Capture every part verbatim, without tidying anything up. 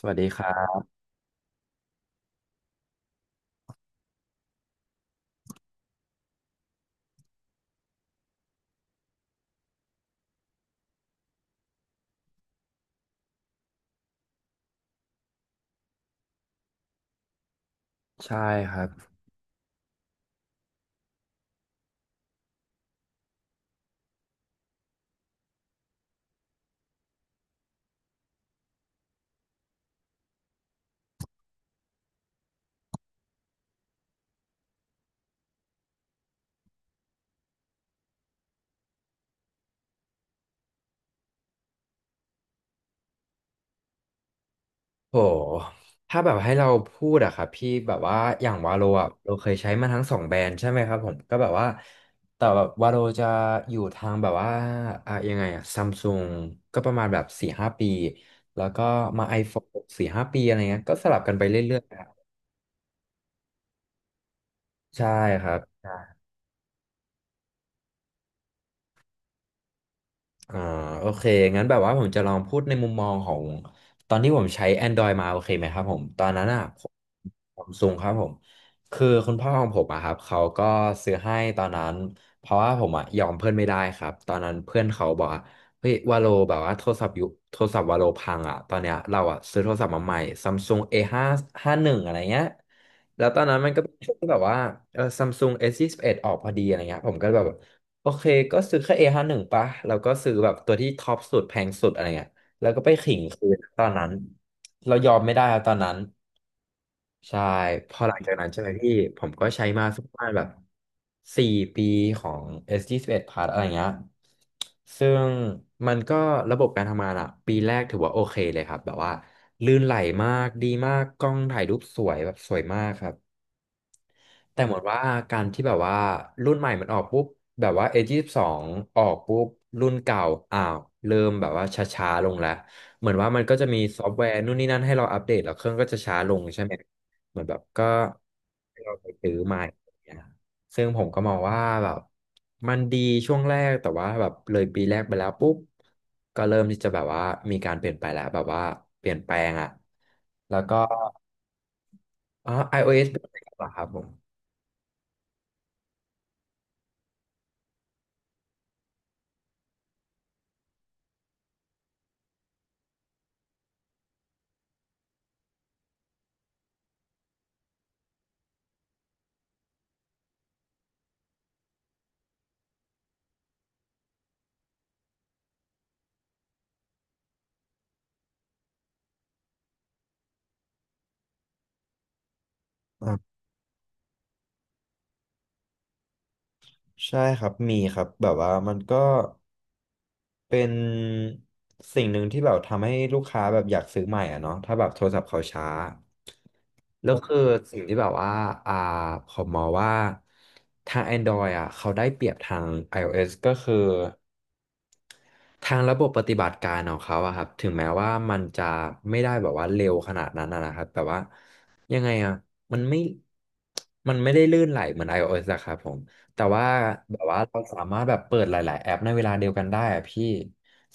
สวัสดีครับใช่ครับโหถ้าแบบให้เราพูดอะครับพี่แบบว่าอย่างวาโลอะเราเคยใช้มาทั้งสองแบรนด์ใช่ไหมครับผมก็แบบว่าแต่แบบวาโลจะอยู่ทางแบบว่าอะยังไงอะซัมซุงก็ประมาณแบบสี่ห้าปีแล้วก็มา iPhone สี่ห้าปีอะไรเงี้ยก็สลับกันไปเรื่อยๆครับใช่ครับ อ่าโอเคงั้นแบบว่าผมจะลองพูดในมุมมองของตอนที่ผมใช้ Android มาโอเคไหมครับผมตอนนั้นอ่ะผมผมซุงครับผมคือคุณพ่อของผมอะครับเขาก็ซื้อให้ตอนนั้นเพราะว่าผมอะยอมเพื่อนไม่ได้ครับตอนนั้นเพื่อนเขาบอกว่าเฮ้ยวาโลแบบว่าโทรศัพท์ยุโทรศัพท์วาโลพังอ่ะตอนเนี้ยเราอ่ะซื้อโทรศัพท์มาใหม่ซัมซุง เอ ห้า ห้าสิบเอ็ดอดอะไรเงี้ยแล้วตอนนั้นมันก็เป็นช่วงแบบว่าเออซัมซุงเอสยี่สิบเอ็ดออกพอดีอะไรเงี้ยผมก็แบบ โอเคก็ซื้อแค่ เอ ห้าสิบเอ็ด ปะ แล้วก็ซื้อแบบตัวที่ท็อปสุดแพงสุดอะไรเงี้ยแล้วก็ไปขิงคืนตอนนั้น เรายอมไม่ได้ครับตอนนั้น ใช่ พอหลังจากนั้นใช่ไหมพี่ ผมก็ใช้มาสักประมาณแบบสี่ปีของ เอส ยี่สิบเอ็ด Plus อะไรเงี้ยซึ่งมันก็ระบบการทำงานอะปีแรกถือว่าโอเคเลยครับ แบบว่าลื่นไหลมากดีมาก กล้องถ่ายรูปสวยแบบสวยมากครับ แต่เหมือนว่าการที่แบบว่ารุ่นใหม่มันออกปุ๊บแบบว่า เอ ยี่สิบสอง อยี่สิบสองออกปุ๊บรุ่นเก่าอ้าวเริ่มแบบว่าช้าๆลงแล้วเหมือนว่ามันก็จะมีซอฟต์แวร์นู่นนี่นั่นให้เราอัปเดตแล้วเครื่องก็จะช้าลงใช่ไหมเหมือนแบบก็ให้เราไปซื้อใหม่อย่างเงี้ยซึ่งผมก็มองว่าแบบมันดีช่วงแรกแต่ว่าแบบเลยปีแรกไปแล้วปุ๊บก็เริ่มที่จะแบบว่ามีการเปลี่ยนไปแล้วแบบว่าเปลี่ยนแปลงอ่ะแล้วก็อ๋อ iOS เป็นไงบ้างครับผม ใช่ครับมีครับแบบว่ามันก็เป็นสิ่งหนึ่งที่แบบทำให้ลูกค้าแบบอยากซื้อใหม่อ่ะเนาะถ้าแบบโทรศัพท์เขาช้าแล้วคือสิ่งที่แบบว่าอ่าผมมองว่าทาง Android อ่ะเขาได้เปรียบทาง iOS ก็คือ ทางระบบปฏิบัติการของเขาอะครับถึงแม้ว่ามันจะไม่ได้แบบว่าเร็วขนาดนั้นอะนะครับแต่ว่ายังไงอะมันไม่มันไม่ได้ลื่นไหลเหมือน iOS อะครับผมแต่ว่าแบบว่าเราสามารถแบบเปิดหลายๆแอปในเวลาเดียวกันได้อะพี่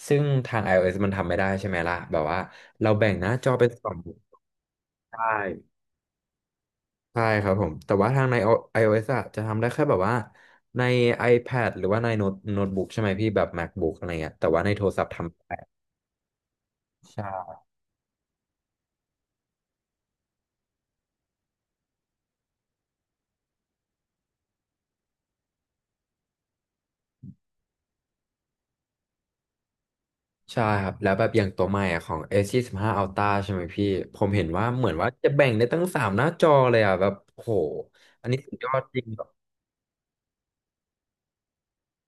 ซึ่งทาง iOS มันทำไม่ได้ใช่ไหมล่ะแบบว่าเราแบ่งหน้าจอเป็นสองใช่ใช่ครับผมแต่ว่าทางใน iOS อะจะทำได้แค่แบบว่าใน iPad หรือว่าในโน้ตโน้ตบุ๊กใช่ไหมพี่แบบ MacBook อะไรเงี้ยแต่ว่าในโทรศัพท์ทำไม่ได้ใช่ ใช่ครับแล้วแบบอย่างตัวใหม่อะของ a หนึ่ง ห้า Ultra ใช่ไหมพี่ผมเห็นว่าเหมือนว่าจะแบ่งได้ตั้งสามหน้าจอเลยอ่ะแบบโหอันนี้สุดยอดจริงแบบ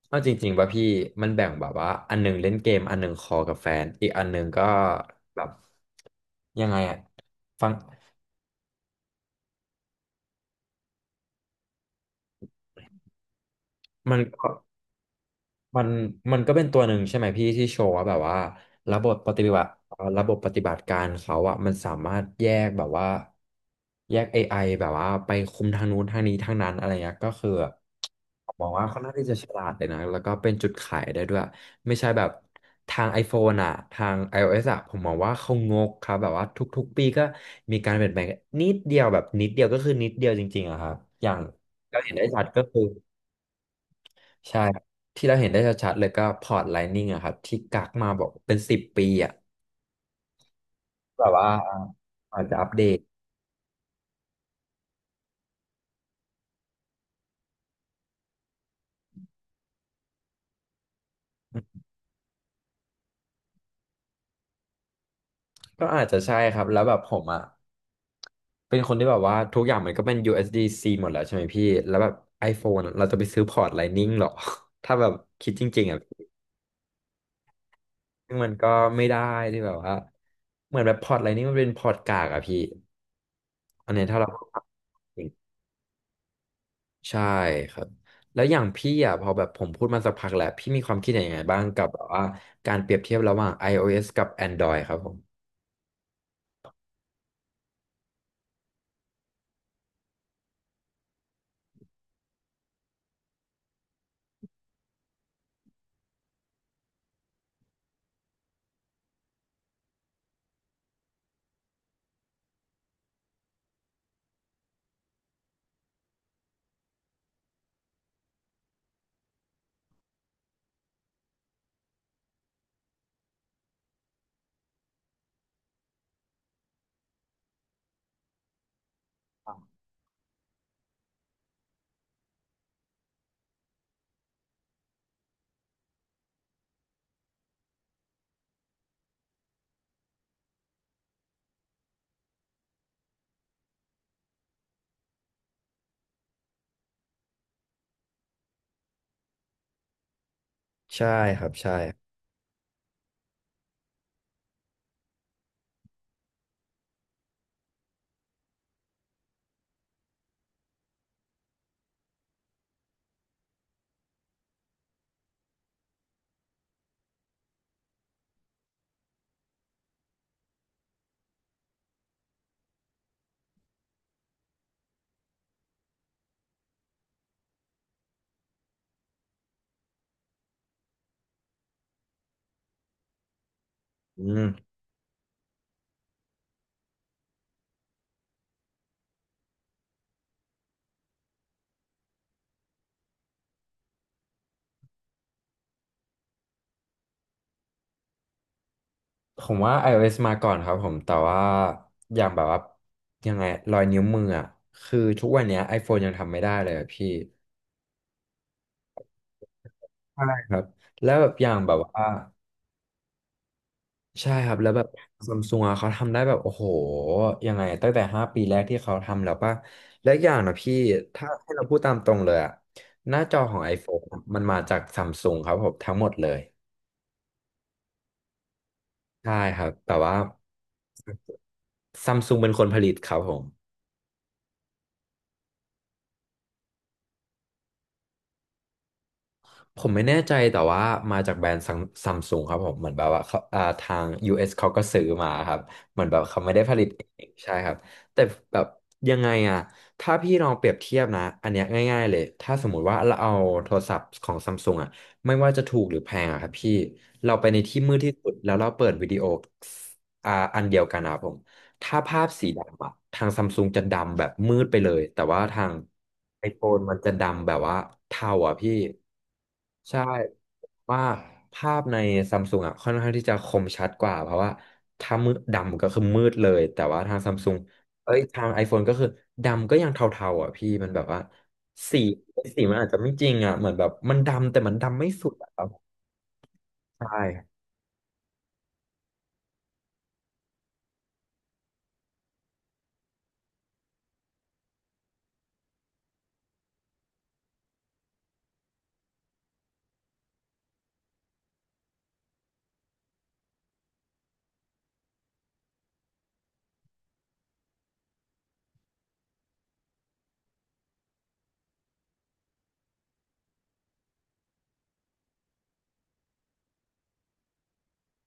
เอาจริงๆป่ะพี่มันแบ่งแบบว่าอันหนึงเล่นเกมอันหนึงคอลกับแฟนอีกอันหนึงก็แบบยังไงอ่ะฟังมันก็ มันมันก็เป็นตัวหนึ่งใช่ไหมพี่ที่โชว์ว่าแบบว่าระบบปฏิบัติเอ่อระบบปฏิบัติการเขาอะมันสามารถแยกแบบว่าแยก เอ ไอ แบบว่าไปคุมทางนู้นทางนี้ทางนั้นอะไรเงี้ยก็คือผมมองว่าค่อนข้างที่จะฉลาดเลยนะแล้วก็เป็นจุดขายได้ด้วยไม่ใช่แบบทาง iPhone อะทาง iOS อะผมมองว่าเขางกครับแบบว่าทุกๆปีก็มีการเปลี่ยนแปลงนิดเดียวแบบนิดเดียวก็คือนิดเดียวจริงๆอะครับอย่างเราเห็นได้ชัดก็คือ ใช่ครับที่เราเห็นได้ชัดๆเลยก็พอร์ตไลนิ่งอะครับที่กักมาบอกเป็นสิบปีอะแบบว่าอาจจะอัปเดตก็อาจจะใช่ครับแล้วแบบผมอะเป็นคนที่แบบว่าทุกอย่างมันก็เป็น ยู เอส ดี ซี หมดแล้วใช่ไหมพี่แล้วแบบ iPhone อะเราจะไปซื้อพอร์ตไลนิ่งหรอ ถ้าแบบคิดจริงๆอะพี่ซึ่งมันก็ไม่ได้ที่แบบว่าเหมือนแบบพอร์ตไลนิ่งมันเป็นพอร์ตกากอะพี่อันเนี้ยถ้าเรา ใช่ครับแล้วอย่างพี่อ่ะพอแบบผมพูดมาสักพักแล้วพี่มีความคิดเห็นยังไงบ้างกับแบบว่าการเปรียบเทียบระหว่าง iOS กับ Android ครับผมใช่ครับใช่อืมผมว่า iOS มาก่อนครับผมแต่ว่าอย่างแบบว่ายังไงรอยนิ้วมืออ่ะคือทุกวันเนี้ย iPhone ยังทำไม่ได้เลยอะพี่ใช่ครับแล้วแบบอย่างแบบว่า ใช่ครับแล้วแบบซัมซุงอ่ะเขาทำได้แบบโอ้โหยังไงตั้งแต่ห้าปีแรกที่เขาทำแล้วป่ะและอกอย่างนะพี่ถ้าให้เราพูดตามตรงเลยอ่ะหน้าจอของ iPhone อะมันมาจากซัมซุงครับผมทั้งหมดเลยใช่ครับแต่ว่าซัมซุงเป็นคนผลิตครับผม ผมไม่แน่ใจแต่ว่ามาจากแบรนด์ซัมซุงครับผมเหมือนแบบว่าเขาอ่าทาง ยู เอส เอสเขาก็ซื้อมาครับเหมือนแบบเขาไม่ได้ผลิตเองใช่ครับแต่แบบยังไงอะถ้าพี่ลองเปรียบเทียบนะอันเนี้ยง่ายๆเลยถ้าสมมติว่าเราเอาโทรศัพท์ของซัมซุงอะไม่ว่าจะถูกหรือแพงอะครับพี่เราไปในที่มืดที่สุดแล้วเราเปิดวิดีโออ่าอันเดียวกันนะครับผม ถ้าภาพสีดำอะทางซัมซุงจะดำแบบมืดไปเลยแต่ว่าทางไอโฟนมันจะดำแบบว่าเทาอ่ะพี่ใช่ว่าภาพในซัมซุงอ่ะค่อนข้างที่จะคมชัดกว่าเพราะว่าถ้ามืดดำก็คือมืดเลยแต่ว่าทางซัมซุงเอ้ยทาง iPhone ก็คือดำก็ยังเทาๆอ่ะพี่มันแบบว่าสีสีมันอาจจะไม่จริงอ่ะเหมือนแบบมันดำแต่มันดำไม่สุดอ่ะครับใช่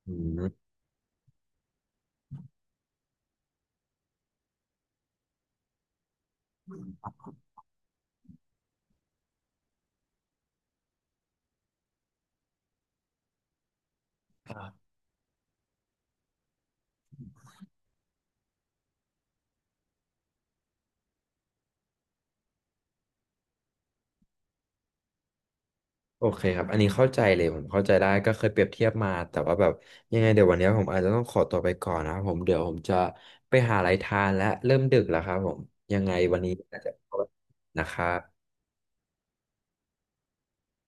อืม โอเคครับ อันนี้เข้าใจเลยผมเข้าใจได้ก็เคยเปรียบเทียบมาแต่ว่าแบบยังไงเดี๋ยววันนี้ผมอาจจะต้องขอตัวไปก่อนนะครับผมเดี๋ยวผมจะไปหาอะไรทานและเริ่มดึกแล้วครับผมยังไงวันนี้อาจจะขอนะครับ